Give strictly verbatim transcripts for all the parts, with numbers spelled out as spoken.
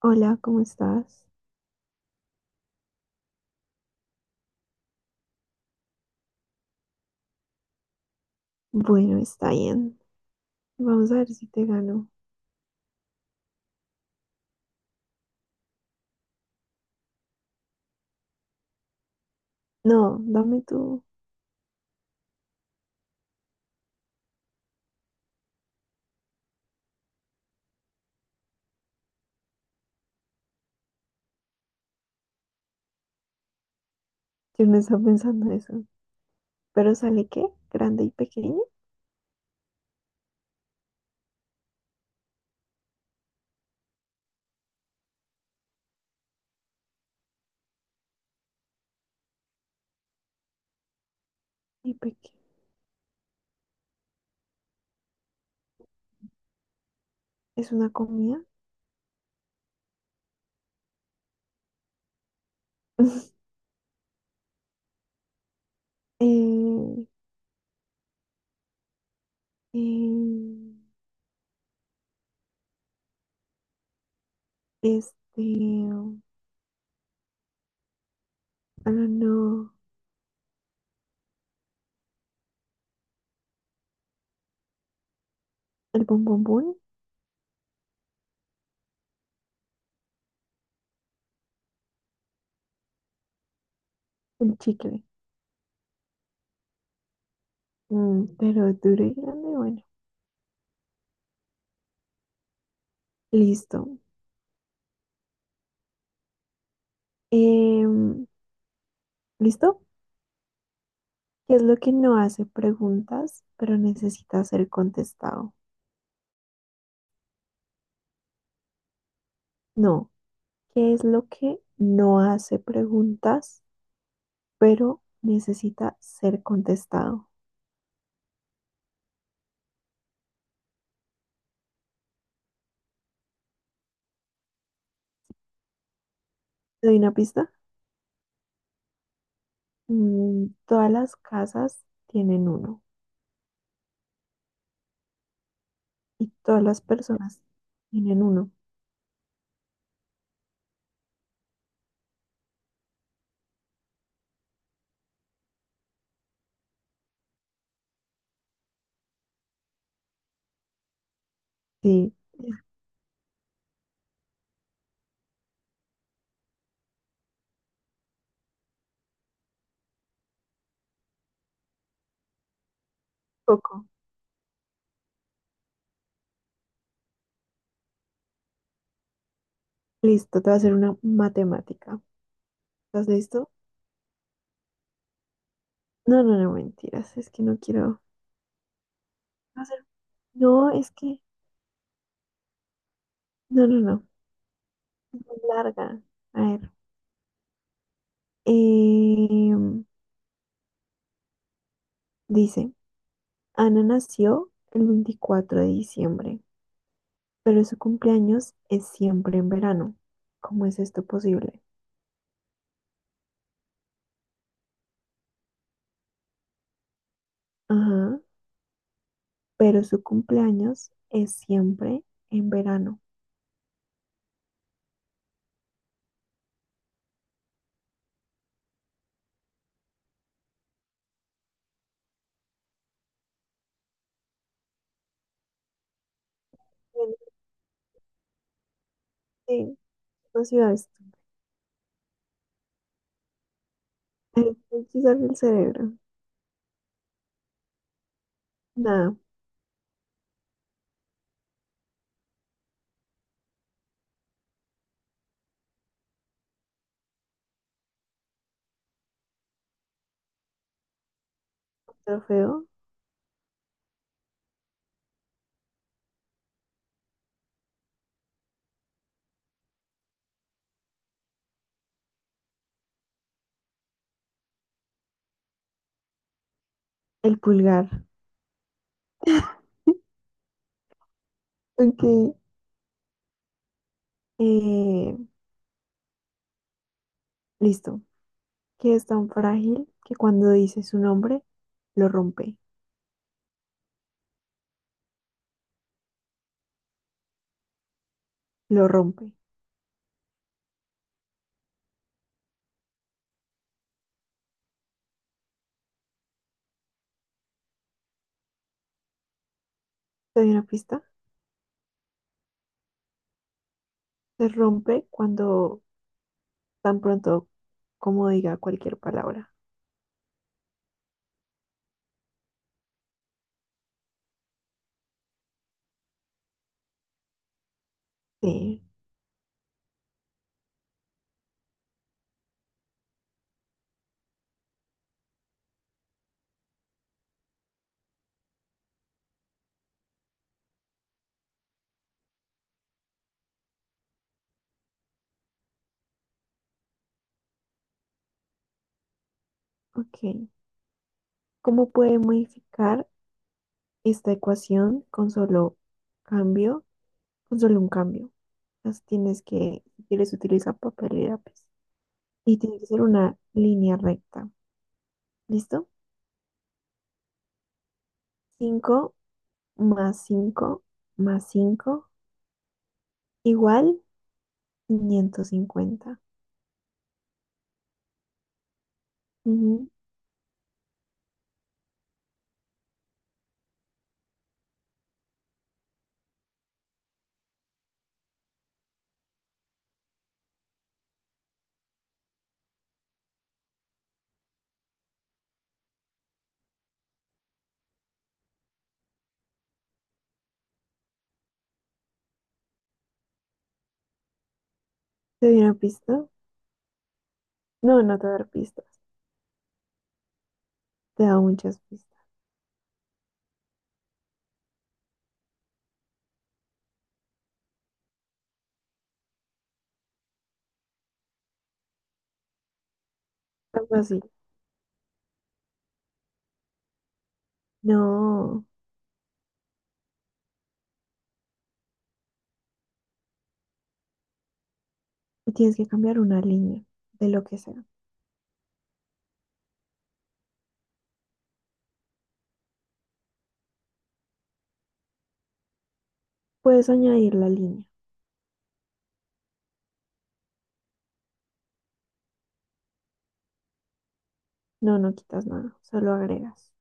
Hola, ¿cómo estás? Bueno, está bien. Vamos a ver si te gano. No, dame tú. Yo no estaba pensando eso. ¿Pero sale qué? ¿Grande y pequeño? Y pequeño. ¿Es una comida? Eh, eh, este... Ah, no. ¿El bombombón? El chicle. Mm, pero duro y grande, bueno. Listo. Em, ¿listo? ¿Qué es lo que no hace preguntas, pero necesita ser contestado? No. ¿Qué es lo que no hace preguntas, pero necesita ser contestado? ¿Te doy una pista? Mm, todas las casas tienen uno y todas las personas tienen uno. Sí, poco. Listo, te voy a hacer una matemática. ¿Estás listo? No, no, no, mentiras. Es que no quiero hacer. No, es que. No, no, no. Es muy larga. A ver. em, dice, Ana nació el veinticuatro de diciembre, pero su cumpleaños es siempre en verano. ¿Cómo es esto posible? Ajá, pero su cumpleaños es siempre en verano. Bueno, sí, no ciudad esto. Ay, me quiso el cerebro. Nada, trofeo. El pulgar. Ok, eh, listo. Que es tan frágil que cuando dice su nombre, lo rompe, lo rompe. ¿Te doy una pista? Se rompe cuando tan pronto como diga cualquier palabra. Sí, ok. ¿Cómo puede modificar esta ecuación con solo cambio, con solo un cambio? Entonces tienes que, si quieres, utiliza papel y lápiz. Y tiene que ser una línea recta. ¿Listo? Cinco más cinco más cinco igual quinientos cincuenta. Ujú. ¿Te doy una pista? No, no te voy a dar pistas. Te he dado muchas pistas. Tan fácil. No, tienes que cambiar una línea de lo que sea. Puedes añadir la línea. No, no quitas nada, solo agregas.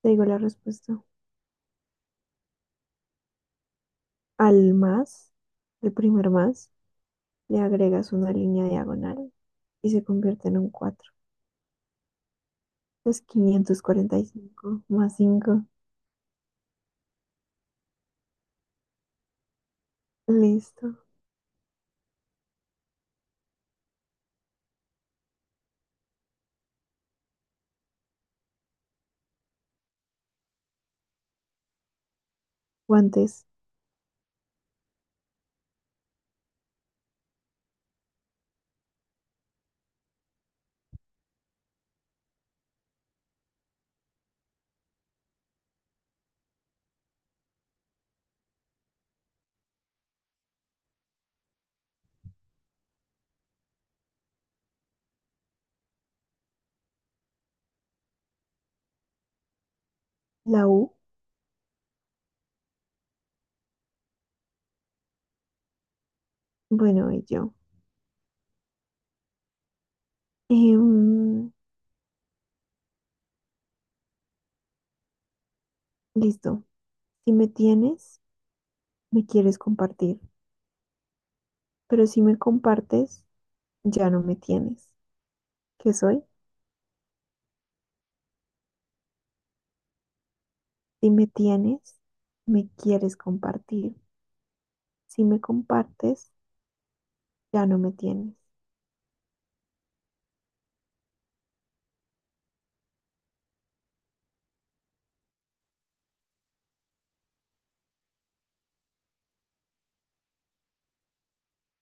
Te digo la respuesta. Al más, el primer más, le agregas una línea diagonal y se convierte en un cuatro. Es quinientos cuarenta y cinco más cinco. Listo. Guantes, la U. Bueno, y yo. Em, listo. Si me tienes, me quieres compartir. Pero si me compartes, ya no me tienes. ¿Qué soy? Si me tienes, me quieres compartir. Si me compartes, ya no me tienes.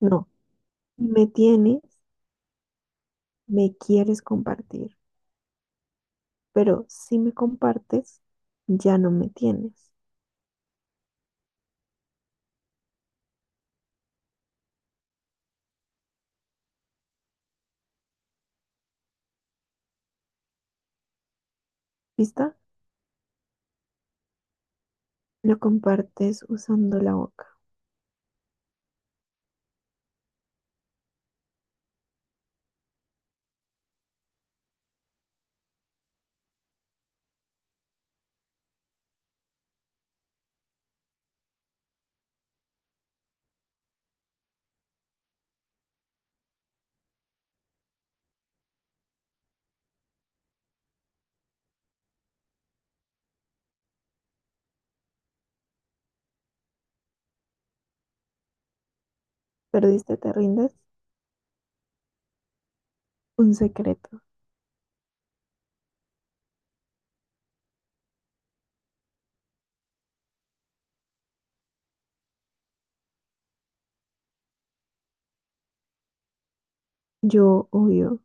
No, ni me tienes, me quieres compartir, pero si me compartes, ya no me tienes. ¿Vista? Lo compartes usando la boca. ¿Perdiste, te rindes? Un secreto. Yo obvio.